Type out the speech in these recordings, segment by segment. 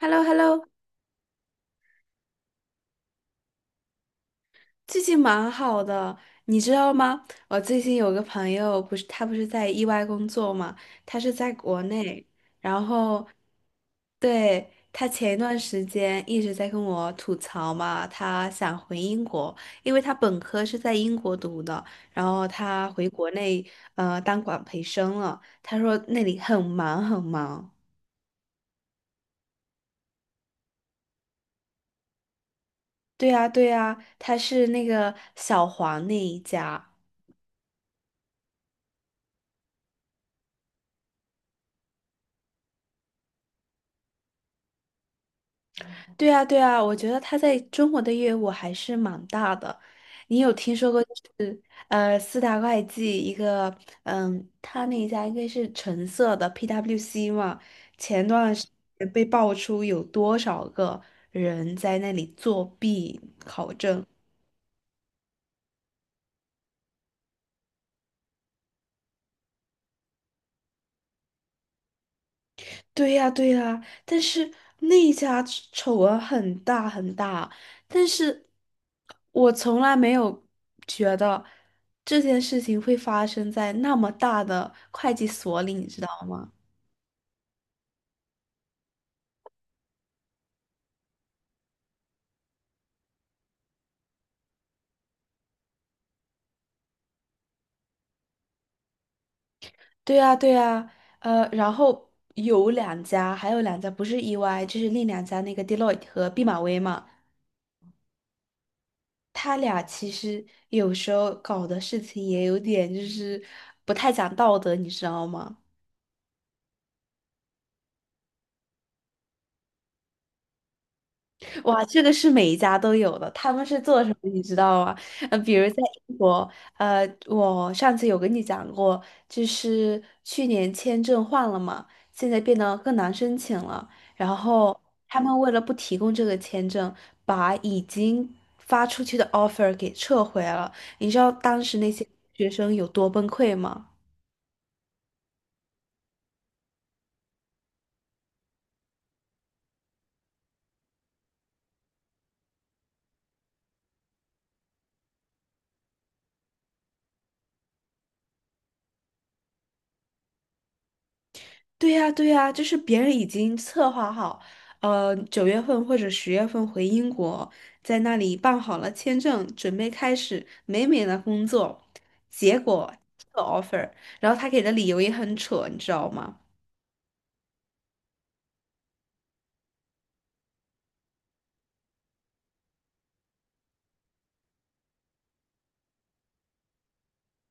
h e l l o h e l l o. 最近蛮好的，你知道吗？我最近有个朋友，不是他不是在意外工作嘛，他是在国内，然后。对，他前一段时间一直在跟我吐槽嘛，他想回英国，因为他本科是在英国读的，然后他回国内当管培生了，他说那里很忙很忙。对呀，对呀，他是那个小黄那一家。对啊，对啊，我觉得他在中国的业务还是蛮大的。你有听说过，就是四大会计一个，他那一家应该是橙色的 PwC 嘛？前段时间被爆出有多少个人在那里作弊考证。对呀，对呀，但是那一家丑闻很大很大，但是我从来没有觉得这件事情会发生在那么大的会计所里，你知道吗？对呀，对呀，然后有两家，还有两家不是 EY，就是另两家那个 Deloitte 和毕马威嘛，他俩其实有时候搞的事情也有点就是不太讲道德，你知道吗？哇，这个是每一家都有的。他们是做什么，你知道吗？比如在英国，我上次有跟你讲过，就是去年签证换了嘛，现在变得更难申请了。然后他们为了不提供这个签证，把已经发出去的 offer 给撤回了。你知道当时那些学生有多崩溃吗？对呀，对呀，就是别人已经策划好，9月份或者10月份回英国，在那里办好了签证，准备开始美美的工作，结果这个 offer，然后他给的理由也很扯，你知道吗？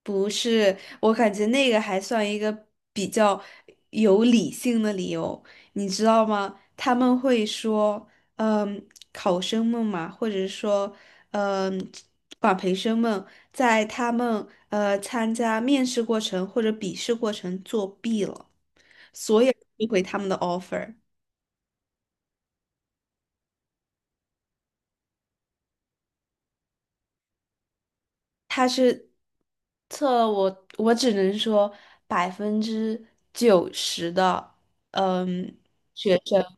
不是，我感觉那个还算一个比较有理性的理由，你知道吗？他们会说，嗯，考生们嘛，或者说，嗯，管培生们，在他们参加面试过程或者笔试过程作弊了，所以退回他们的 offer。他是测了我，我只能说90%的，嗯。学生。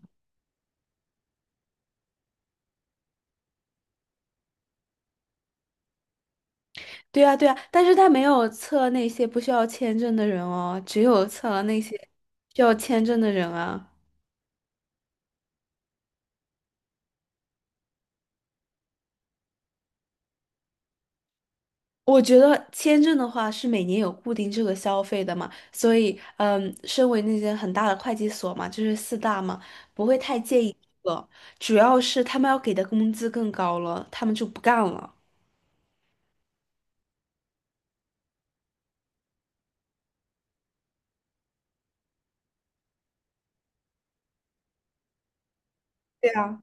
对啊，对啊，但是他没有测那些不需要签证的人哦，只有测了那些需要签证的人啊。我觉得签证的话是每年有固定这个消费的嘛，所以身为那些很大的会计所嘛，就是四大嘛，不会太介意这个，主要是他们要给的工资更高了，他们就不干了。对啊，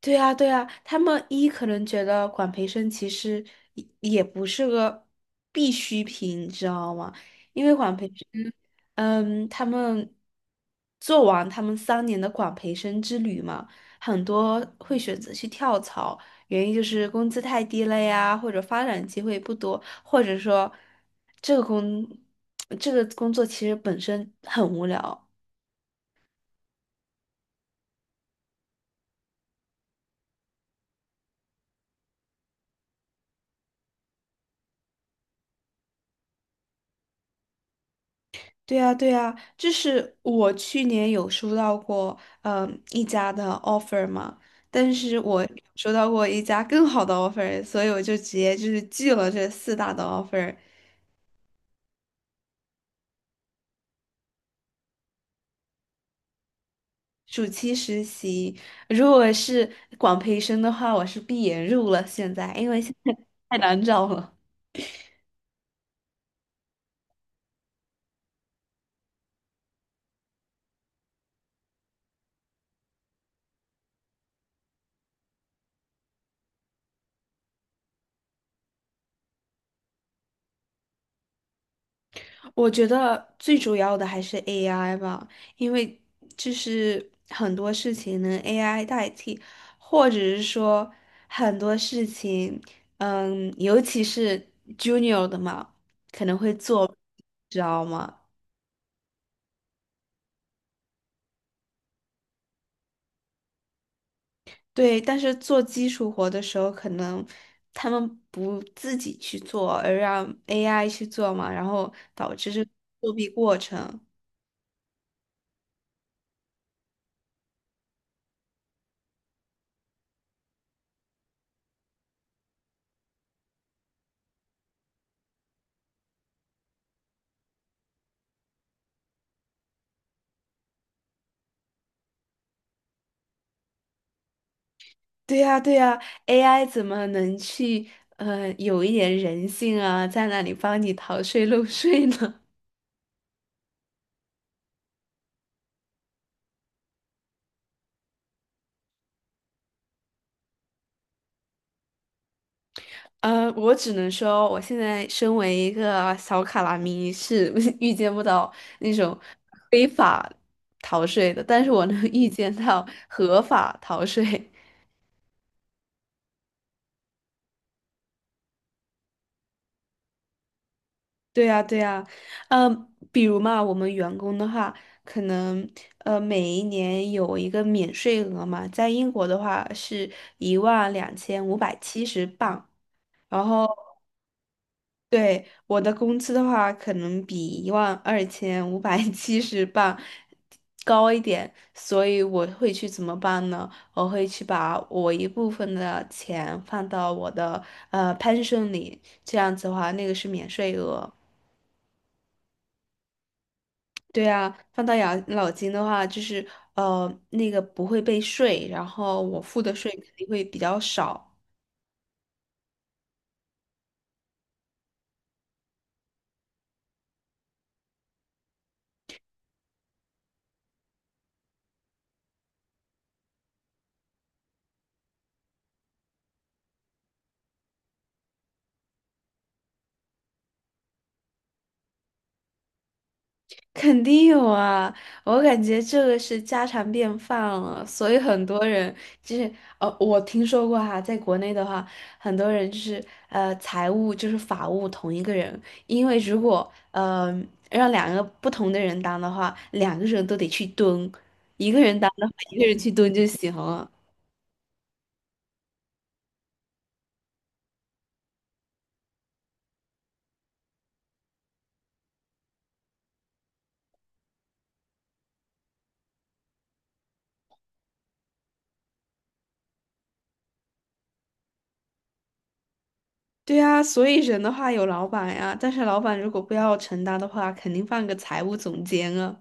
对啊，对啊，他们一可能觉得管培生其实也不是个必需品，你知道吗？因为管培生。他们做完他们3年的管培生之旅嘛，很多会选择去跳槽，原因就是工资太低了呀，或者发展机会不多，或者说这个工 这个工作其实本身很无聊。对呀，对呀，就是我去年有收到过，一家的 offer 嘛，但是我收到过一家更好的 offer，所以我就直接就是拒了这四大的 offer。暑期实习，如果是广培生的话，我是闭眼入了。现在，因为现在太难找了。我觉得最主要的还是 AI 吧，因为就是很多事情能 AI 代替，或者是说很多事情，尤其是 junior 的嘛，可能会做，知道吗？对，但是做基础活的时候，可能他们不自己去做，而让 AI 去做嘛，然后导致这个作弊过程。对呀，对呀，AI 怎么能去有一点人性啊，在那里帮你逃税漏税呢？我只能说，我现在身为一个小卡拉咪，是 预见不到那种非法逃税的，但是我能预见到合法逃税。对呀，对呀，比如嘛，我们员工的话，可能每一年有一个免税额嘛，在英国的话是12,570镑，然后对我的工资的话，可能比一万二千五百 七十镑高一点，所以我会去怎么办呢？我会去把我一部分的钱放到我的pension 里，这样子的话，那个是免税额。对啊，放到养老金的话，就是那个不会被税，然后我付的税肯定会比较少。肯定有啊，我感觉这个是家常便饭了，所以很多人就是我听说过哈，在国内的话，很多人就是财务就是法务同一个人，因为如果让两个不同的人当的话，两个人都得去蹲，一个人当的话，一个人去蹲就行了。对呀，所以人的话有老板呀，但是老板如果不要承担的话，肯定放个财务总监啊，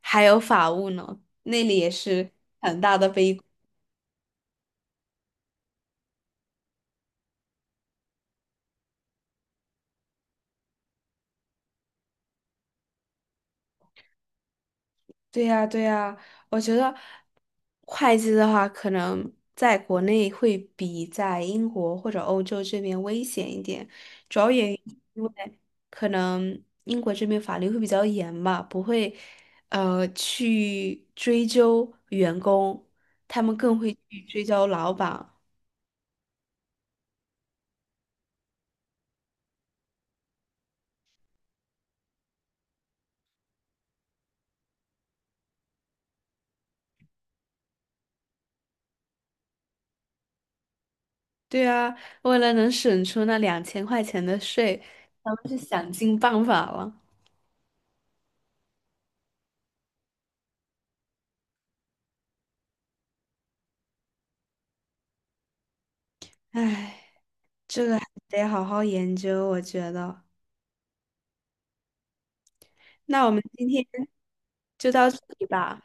还有法务呢，那里也是很大的悲。对呀，对呀，我觉得会计的话，可能在国内会比在英国或者欧洲这边危险一点，主要原因是因为可能英国这边法律会比较严吧，不会去追究员工，他们更会去追究老板。对啊，为了能省出那2000块钱的税，咱们是想尽办法了。唉，这个还得好好研究，我觉得。那我们今天就到这里吧。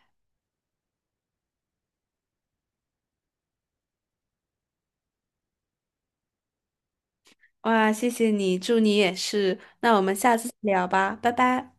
哇，谢谢你，祝你也是。那我们下次聊吧，拜拜。